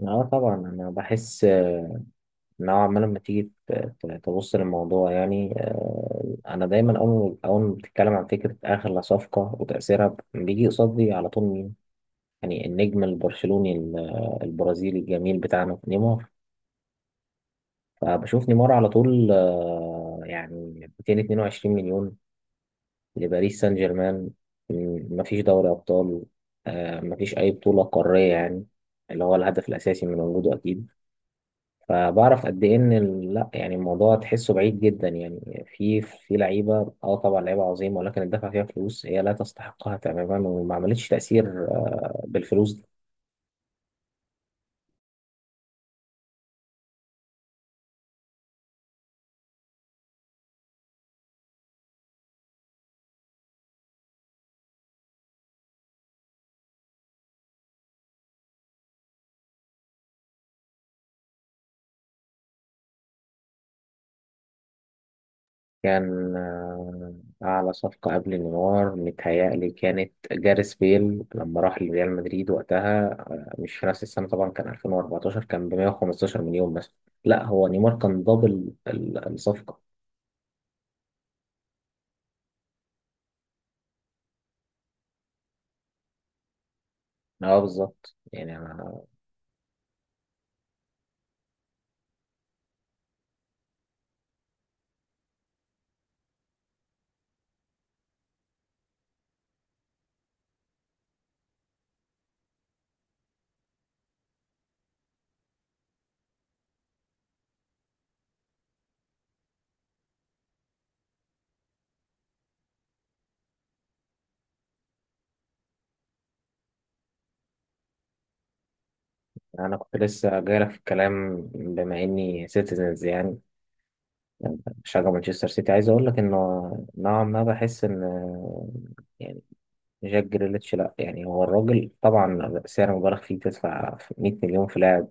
اه طبعا انا بحس نوعا ما لما تيجي تبص للموضوع يعني انا دايما اول ما بتتكلم عن فكره اغلى صفقه وتاثيرها بيجي قصادي على طول مين. يعني النجم البرشلوني البرازيلي الجميل بتاعنا نيمار. فبشوف نيمار على طول، يعني 222 مليون لباريس سان جيرمان. مفيش دوري ابطال، مفيش اي بطوله قاريه يعني، اللي هو الهدف الاساسي من وجوده اكيد. فبعرف قد ايه ان لا، يعني الموضوع تحسه بعيد جدا، يعني في لعيبه، طبعا لعيبه عظيمه ولكن الدفع فيها فلوس هي لا تستحقها تماما، وما عملتش تاثير بالفلوس دي. كان اعلى صفقه قبل نيمار متهيألي كانت جاريس بيل لما راح لريال مدريد وقتها، مش في نفس السنه طبعا، كان 2014، كان ب 115 مليون بس. لا، هو نيمار كان دبل الصفقه. اه بالظبط يعني. يعني انا كنت لسه جايلك في الكلام بما اني سيتيزنز، يعني بشجع مانشستر سيتي، عايز اقول لك انه نوعا ما بحس ان يعني جاك جريليتش، لا يعني هو الراجل طبعا سعر مبالغ فيه تدفع 100 مليون في لاعب.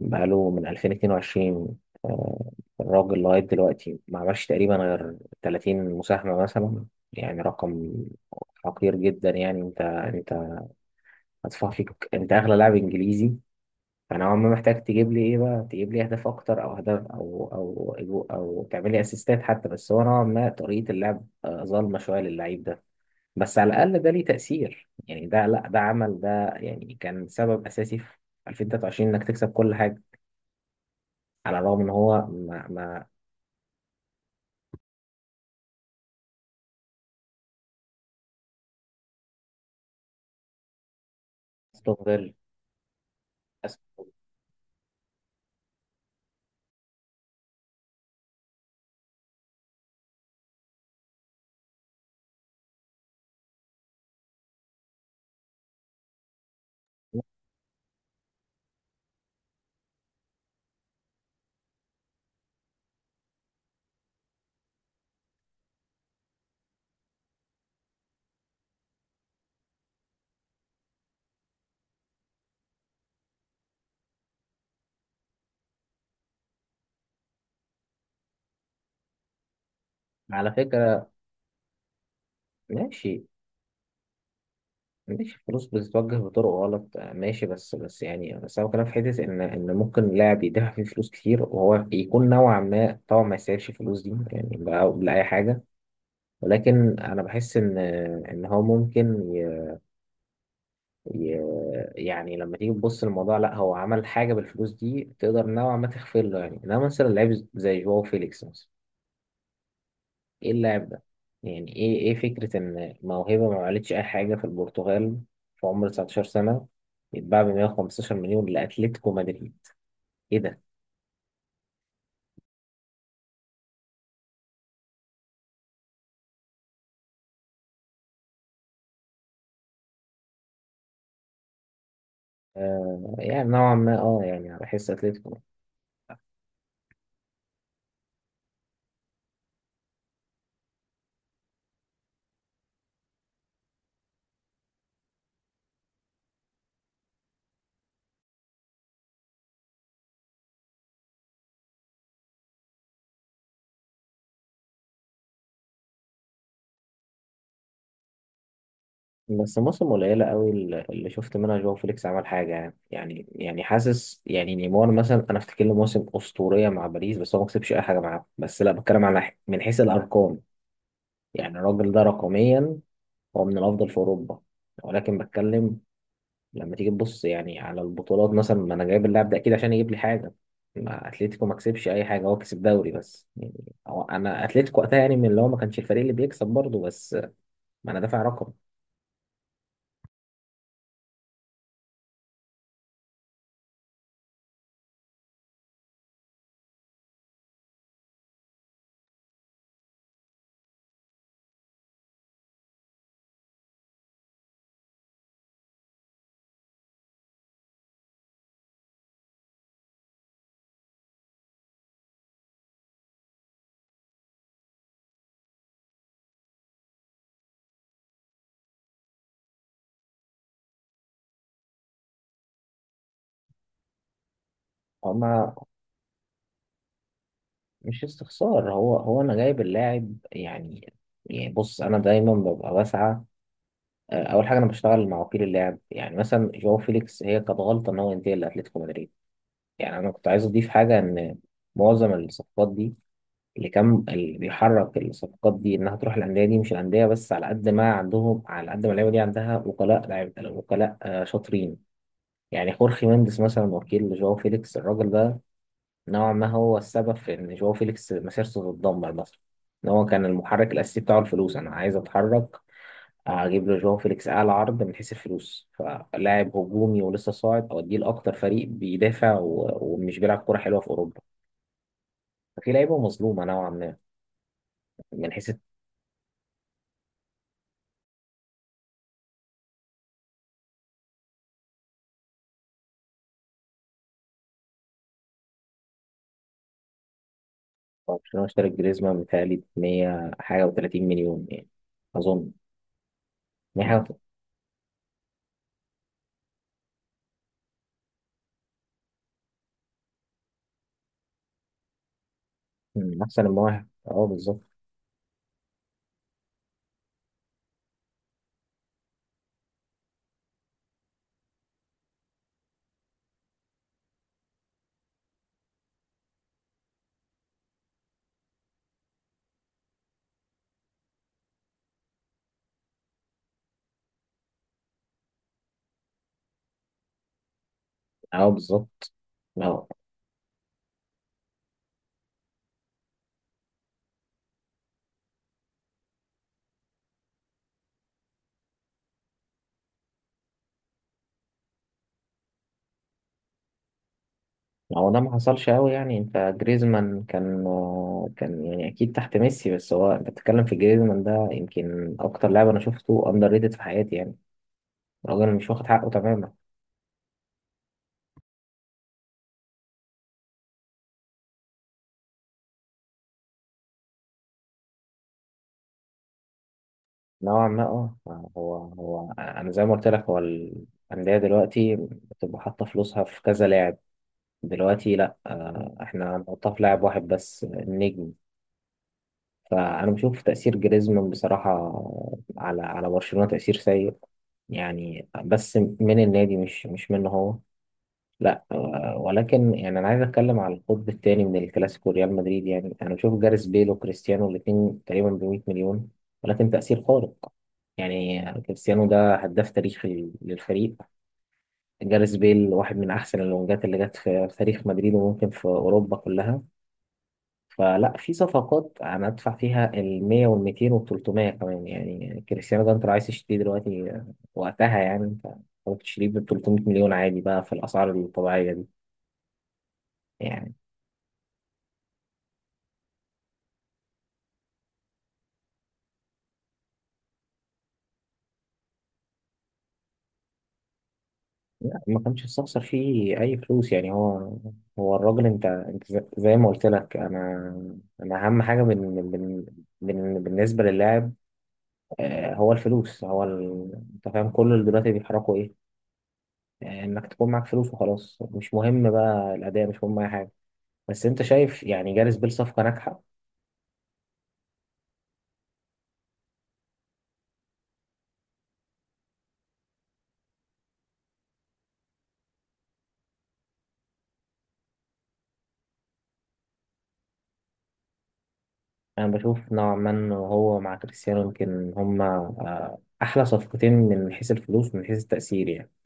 بقاله من 2022، آه، الراجل لغايه دلوقتي ما عملش تقريبا غير 30 مساهمه مثلا، يعني رقم حقير جدا. يعني انت هتدفع فيك انت اغلى لاعب انجليزي، فانا عمري محتاج تجيب لي ايه بقى؟ تجيب لي اهداف اكتر، او اهداف، أو تعمل لي اسيستات حتى. بس هو نوعا ما طريقه اللعب ظالمه شويه للعيب ده. بس على الاقل ده ليه تاثير، يعني ده لا ده عمل، ده يعني كان سبب اساسي في 2023 انك تكسب كل حاجه، على الرغم ان هو ما استغل. على فكره، ماشي ماشي، الفلوس بتتوجه بطرق غلط، ماشي. بس يعني، بس هو كلام في حتة إن ممكن لاعب يدفع فيه فلوس كتير وهو يكون نوعا ما طبعا ما يستاهلش الفلوس دي يعني بقى لأي حاجة. ولكن أنا بحس إن إن هو ممكن ي... ي... يعني لما تيجي تبص للموضوع، لا هو عمل حاجة بالفلوس دي تقدر نوعا ما تغفر له. يعني إنما مثلا لعيب زي جواو فيليكس مثلا، ايه اللاعب ده؟ يعني ايه فكرة ان موهبة ما عملتش اي حاجة في البرتغال في عمر 19 سنة يتباع ب 115 مليون لاتلتيكو مدريد؟ ايه ده؟ آه، يعني نوعا ما، يعني على حس اتلتيكو. بس موسم قليلة قوي اللي شفت منها جواو فيليكس عمل حاجة. يعني حاسس يعني نيمار مثلا انا افتكر له موسم اسطورية مع باريس، بس هو ما كسبش اي حاجة معاه. بس لا بتكلم على من حيث الارقام، يعني الراجل ده رقميا هو من الافضل في اوروبا، ولكن بتكلم لما تيجي تبص يعني على البطولات مثلا. ما انا جايب اللاعب ده اكيد عشان يجيب لي حاجه، ما اتلتيكو ما كسبش اي حاجه، هو كسب دوري بس يعني. هو انا اتلتيكو وقتها يعني من اللي هو ما كانش الفريق اللي بيكسب برضه، بس ما انا دافع رقم. هو ما مش استخسار، هو انا جايب اللاعب يعني. يعني بص انا دايما ببقى بسعى، اول حاجه انا بشتغل مع وكيل اللاعب. يعني مثلا جواو فيليكس هي كانت غلطه ان هو ينتقل لاتلتيكو مدريد. يعني انا كنت عايز اضيف حاجه ان معظم الصفقات دي، اللي كان اللي بيحرك الصفقات دي انها تروح الانديه دي، مش الانديه بس على قد ما عندهم، على قد ما اللعيبه دي عندها وكلاء لعيبه، وكلاء شاطرين. يعني خورخي مينديز مثلا وكيل جواو فيليكس، الراجل ده نوعا ما هو السبب في ان جواو فيليكس مسيرته تتدمر مثلا، ان هو كان المحرك الاساسي بتاعه الفلوس. انا عايز اتحرك، اجيب له جواو فيليكس اعلى عرض من حيث الفلوس، فلاعب هجومي ولسه صاعد اوديه لاكتر فريق بيدافع ومش بيلعب كوره حلوه في اوروبا. ففي لعيبه مظلومه نوعا ما من حيث. برشلونة اشترى جريزمان بتهيألي ب 100 حاجة و30 مليون يعني، أظن. 100 حاجة و- مم، أحسن من واحد. أه بالظبط أه بالظبط. ما هو ما هو ده ما حصلش أوي، يعني أنت جريزمان كان يعني أكيد تحت ميسي. بس هو أنت بتتكلم في جريزمان، ده يمكن أكتر لاعب أنا شفته أندر ريتد في حياتي يعني، الراجل مش واخد حقه تماما. نوعا ما، هو أنا زي ما قلت لك، هو الأندية دلوقتي بتبقى حاطة فلوسها في كذا لاعب، دلوقتي لا، احنا هنحطها في لاعب واحد بس، النجم. فانا بشوف تأثير جريزمان بصراحة على برشلونة تأثير سيء يعني، بس من النادي مش منه هو. لا ولكن يعني انا عايز اتكلم على القطب الثاني من الكلاسيكو ريال مدريد. يعني انا بشوف جاريث بيل وكريستيانو الاثنين تقريبا ب 100 مليون، ولكن تأثير خارق. يعني كريستيانو ده هداف تاريخي للفريق، جاريث بيل واحد من احسن الونجات اللي جت في تاريخ مدريد وممكن في اوروبا كلها. فلا، في صفقات انا ادفع فيها ال 100 وال 200 وال 300 كمان يعني. كريستيانو ده انت لو عايز تشتريه دلوقتي، وقتها يعني انت ممكن تشتريه ب 300 مليون عادي بقى في الاسعار الطبيعيه دي يعني. لا، ما كانش استخسر فيه اي فلوس يعني. هو هو الراجل انت، انت زي ما قلت لك انا، انا اهم حاجه بالنسبه للاعب، هو الفلوس، انت فاهم كل اللي دلوقتي بيحركوا ايه؟ انك تكون معاك فلوس وخلاص، مش مهم بقى الاداء، مش مهم اي حاجه. بس انت شايف يعني جاريث بيل صفقة ناجحة. انا بشوف نوعا ما ان هو مع كريستيانو يمكن هما احلى صفقتين من حيث الفلوس ومن حيث التأثير يعني